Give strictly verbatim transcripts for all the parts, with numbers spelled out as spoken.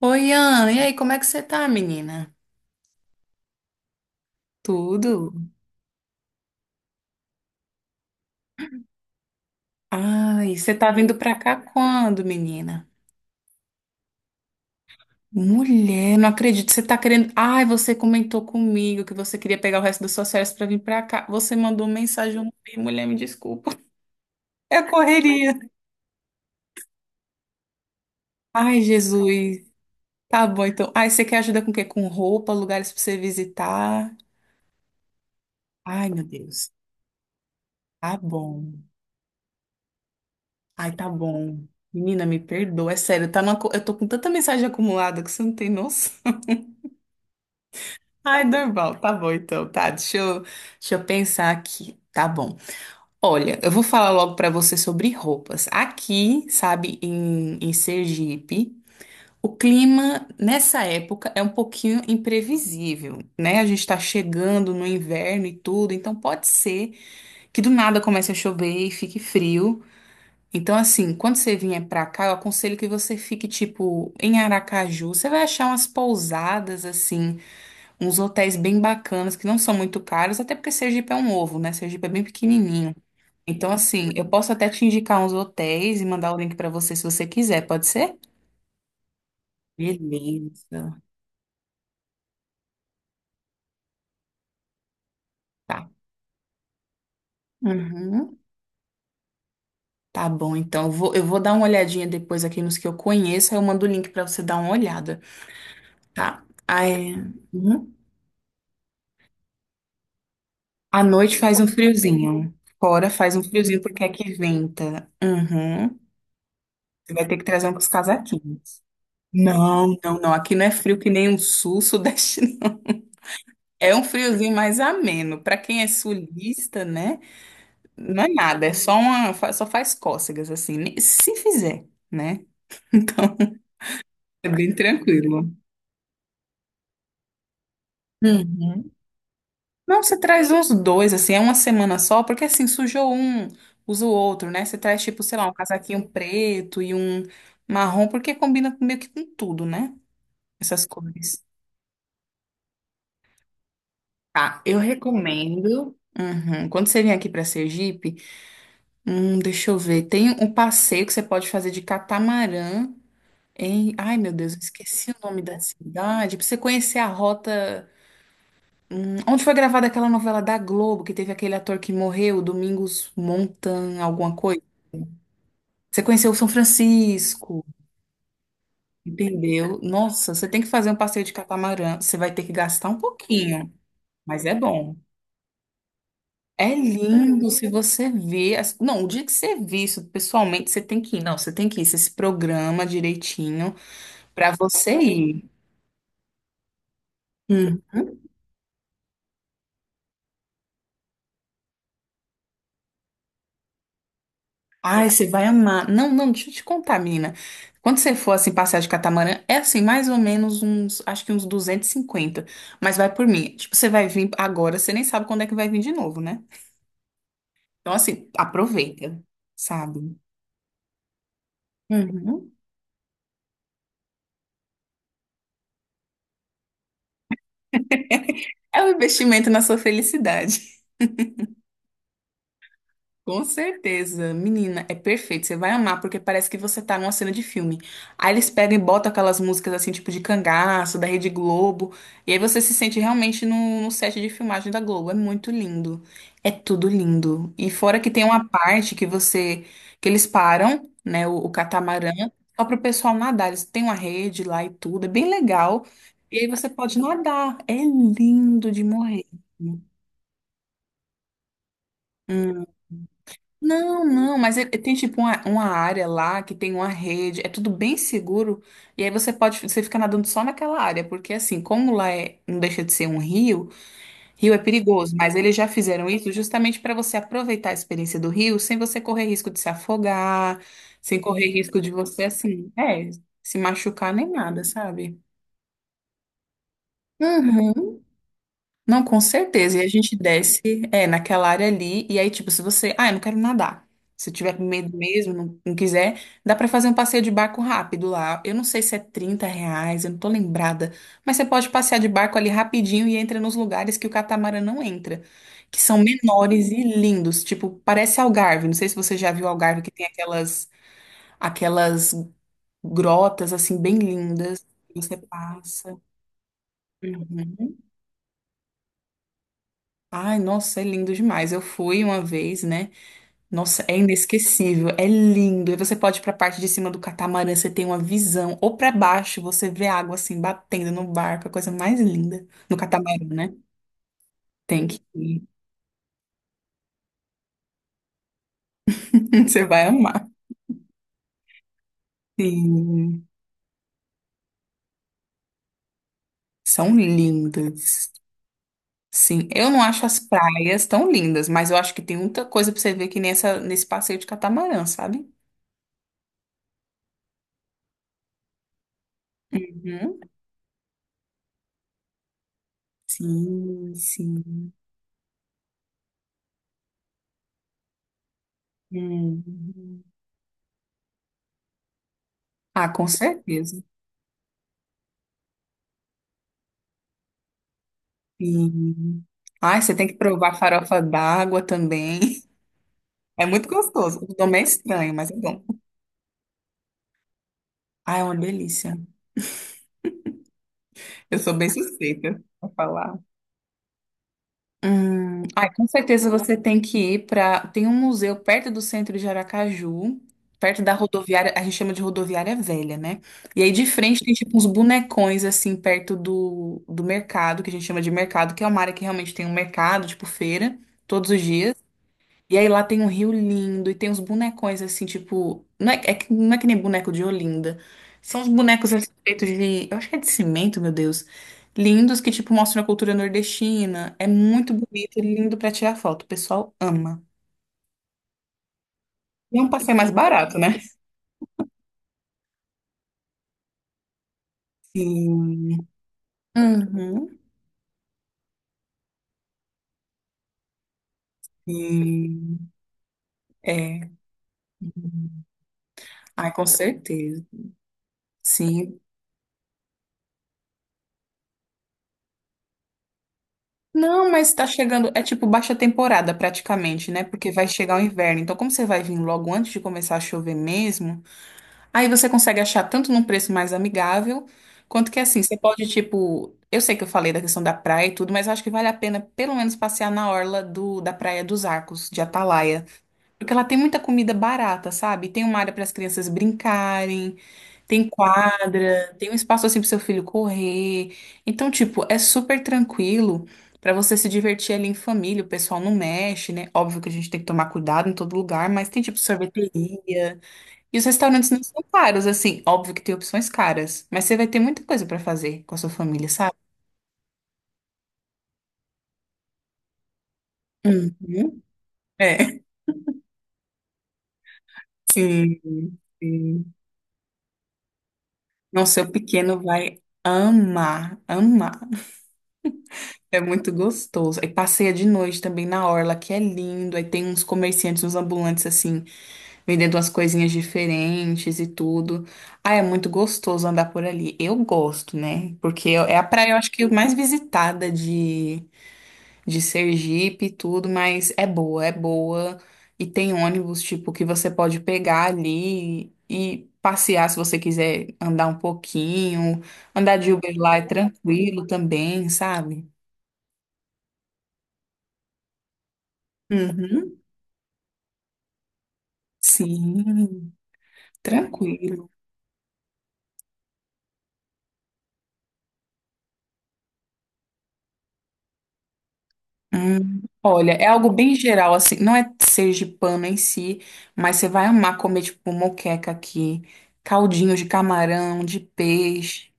Oi, Ana, e aí, como é que você tá, menina? Tudo? Ai, você tá vindo pra cá quando, menina? Mulher, não acredito, você tá querendo... Ai, você comentou comigo que você queria pegar o resto das suas férias pra vir pra cá. Você mandou mensagem, eu mulher, me desculpa. É correria. Ai, Jesus. Tá bom, então. Ai, você quer ajuda com o quê? Com roupa, lugares pra você visitar? Ai, meu Deus. Tá bom. Ai, tá bom. Menina, me perdoa, é sério, tá numa... co- eu tô com tanta mensagem acumulada que você não tem noção. Ai, normal. Tá bom, então. Tá, deixa eu, deixa eu pensar aqui. Tá bom. Olha, eu vou falar logo pra você sobre roupas. Aqui, sabe, em, em Sergipe, o clima nessa época é um pouquinho imprevisível, né? A gente tá chegando no inverno e tudo, então pode ser que do nada comece a chover e fique frio. Então, assim, quando você vier pra cá, eu aconselho que você fique, tipo, em Aracaju. Você vai achar umas pousadas, assim uns hotéis bem bacanas, que não são muito caros, até porque Sergipe é um ovo, né? Sergipe é bem pequenininho. Então, assim, eu posso até te indicar uns hotéis e mandar o link pra você se você quiser, pode ser? Beleza. Tá. Uhum. Tá bom, então eu vou, eu vou dar uma olhadinha depois aqui nos que eu conheço, aí eu mando o link pra você dar uma olhada, tá? Aí, uhum. À noite faz um friozinho. Fora faz um friozinho porque aqui venta. Uhum. Você vai ter que trazer uns casaquinhos. Não, não, não. Aqui não é frio que nem um sul, sudeste. Não. É um friozinho mais ameno. Para quem é sulista, né? Não é nada, é só uma, fa- só faz cócegas assim, ne- se fizer, né? Então, é bem tranquilo. Uhum. Não, você traz os dois, assim, é uma semana só, porque assim, sujou um, usa o outro, né? Você traz, tipo, sei lá, um casaquinho preto e um marrom, porque combina com- meio que com tudo, né? Essas cores. Tá, eu recomendo. Uhum. Quando você vier aqui para Sergipe, hum, deixa eu ver. Tem um passeio que você pode fazer de catamarã em. Ai, meu Deus, eu esqueci o nome da cidade. Pra você conhecer a rota. Hum, onde foi gravada aquela novela da Globo, que teve aquele ator que morreu, Domingos Montan, alguma coisa. Você conheceu São Francisco, entendeu? Nossa, você tem que fazer um passeio de catamarã. Você vai ter que gastar um pouquinho, mas é bom. É lindo se você vê. as- Não, o dia que você vê isso pessoalmente, você tem que ir. Não, você tem que ir. Você se programa direitinho. Pra você ir. Uhum. Ai, você vai amar. Não, não, deixa eu te contar, menina. Quando você for assim passear de catamarã, é assim, mais ou menos uns, acho que uns duzentos e cinquenta. Mas vai por mim. Tipo, você vai vir agora, você nem sabe quando é que vai vir de novo, né? Então assim, aproveita, sabe? Uhum. É um investimento na sua felicidade. Com certeza, menina, é perfeito. Você vai amar, porque parece que você tá numa cena de filme. Aí eles pegam e botam aquelas músicas assim, tipo de cangaço, da Rede Globo. E aí você se sente realmente no, no set de filmagem da Globo. É muito lindo. É tudo lindo. E fora que tem uma parte que você, que eles param, né, o, o catamarã, só pro pessoal nadar. Eles têm uma rede lá e tudo. É bem legal. E aí você pode nadar. É lindo de morrer. Hum. Não, não, mas é- é- tem tipo uma, uma área lá que tem uma rede, é tudo bem seguro, e aí você pode, você fica nadando só naquela área, porque assim, como lá é, não deixa de ser um rio, rio é perigoso, mas eles já fizeram isso justamente para você aproveitar a experiência do rio sem você correr risco de se afogar, sem correr risco de você, assim, é, se machucar nem nada, sabe? Uhum. Não, com certeza. E a gente desce, é, naquela área ali. E aí, tipo, se você. Ah, eu não quero nadar. Se tiver com medo mesmo, não, não quiser, dá pra fazer um passeio de barco rápido lá. Eu não sei se é trinta reais, eu não tô lembrada. Mas você pode passear de barco ali rapidinho e entra nos lugares que o catamarã não entra, que são menores e lindos. Tipo, parece Algarve. Não sei se você já viu Algarve, que tem aquelas, aquelas grotas, assim, bem lindas. Que você passa. Uhum. Ai, nossa, é lindo demais. Eu fui uma vez, né? Nossa, é inesquecível, é lindo. E você pode ir pra parte de cima do catamarã, você tem uma visão. Ou pra baixo, você vê a água assim batendo no barco, é a coisa mais linda. No catamarã, né? Tem que ir. Você vai amar. Sim, são lindas. Sim, eu não acho as praias tão lindas, mas eu acho que tem muita coisa pra você ver que nessa, nesse passeio de catamarã, sabe? Uhum. Sim, sim. Uhum. Ah, com certeza. Sim. Ai, você tem que provar farofa d'água também. É muito gostoso. O nome é estranho, mas é bom. Ai, é uma delícia. Eu sou bem suspeita pra falar. Hum, ai, com certeza você tem que ir para. Tem um museu perto do centro de Aracaju, perto da rodoviária, a gente chama de rodoviária velha, né? E aí de frente tem tipo uns bonecões assim perto do, do mercado, que a gente chama de mercado, que é uma área que realmente tem um mercado, tipo feira, todos os dias. E aí lá tem um rio lindo e tem uns bonecões assim, tipo. Não é, é que- não é que nem boneco de Olinda. São uns bonecos assim, feitos de. Eu acho que é de cimento, meu Deus. Lindos que, tipo, mostram a cultura nordestina. É muito bonito e lindo pra tirar foto. O pessoal ama. E é um passeio mais barato, né? Sim. Uhum. Sim. É. Ai, com certeza. Sim. Não, mas tá chegando. É tipo baixa temporada praticamente, né? Porque vai chegar o inverno. Então, como você vai vir logo antes de começar a chover mesmo. Aí você consegue achar tanto num preço mais amigável, quanto que assim, você pode, tipo, eu sei que eu falei da questão da praia e tudo, mas eu acho que vale a pena pelo menos passear na orla do, da Praia dos Arcos, de Atalaia, porque ela tem muita comida barata, sabe? Tem uma área para as crianças brincarem, tem quadra, tem um espaço assim para seu filho correr. Então, tipo, é super tranquilo. Para você se divertir ali em família, o pessoal não mexe, né? Óbvio que a gente tem que tomar cuidado em todo lugar, mas tem tipo sorveteria. E os restaurantes não são caros, assim. Óbvio que tem opções caras, mas você vai ter muita coisa pra fazer com a sua família, sabe? Uhum. É, sim, sim. Nossa, seu pequeno vai amar, amar. É muito gostoso. Aí passeia de noite também na orla, que é lindo. Aí tem uns comerciantes, uns ambulantes, assim, vendendo umas coisinhas diferentes e tudo. Ah, é muito gostoso andar por ali. Eu gosto, né? Porque é a praia, eu acho que, mais visitada de de Sergipe e tudo, mas é boa, é boa. E tem ônibus, tipo, que você pode pegar ali e passear se você quiser andar um pouquinho. Andar de Uber lá é tranquilo também, sabe? Uhum. Sim, tranquilo. Hum, Olha, é algo bem geral, assim, não é sergipano em si, mas você vai amar comer, tipo, moqueca aqui, caldinho de camarão, de peixe,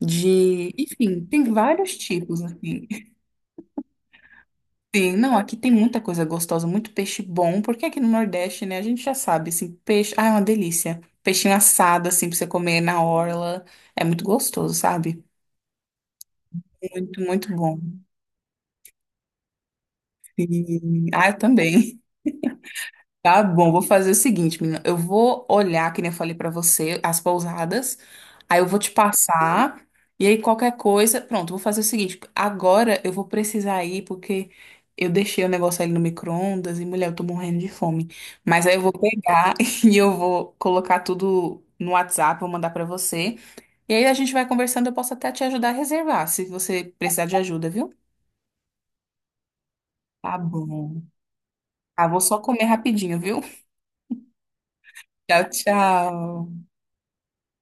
de... Enfim, tem vários tipos, assim. Sim, não, aqui tem muita coisa gostosa, muito peixe bom, porque aqui no Nordeste, né, a gente já sabe, assim, peixe, ah, é uma delícia. Peixinho assado, assim, pra você comer na orla, é muito gostoso, sabe? Muito, muito bom. Sim. Ah, eu também. Tá bom, vou fazer o seguinte, menina. Eu vou olhar, que nem eu falei pra você, as pousadas. Aí eu vou te passar. E aí qualquer coisa. Pronto, vou fazer o seguinte. Agora eu vou precisar ir, porque eu deixei o negócio ali no micro-ondas e, mulher, eu tô morrendo de fome. Mas aí eu vou pegar e eu vou colocar tudo no WhatsApp, vou mandar pra você. E aí a gente vai conversando. Eu posso até te ajudar a reservar, se você precisar de ajuda, viu? Tá bom. Ah, vou só comer rapidinho, viu? Tchau, tchau.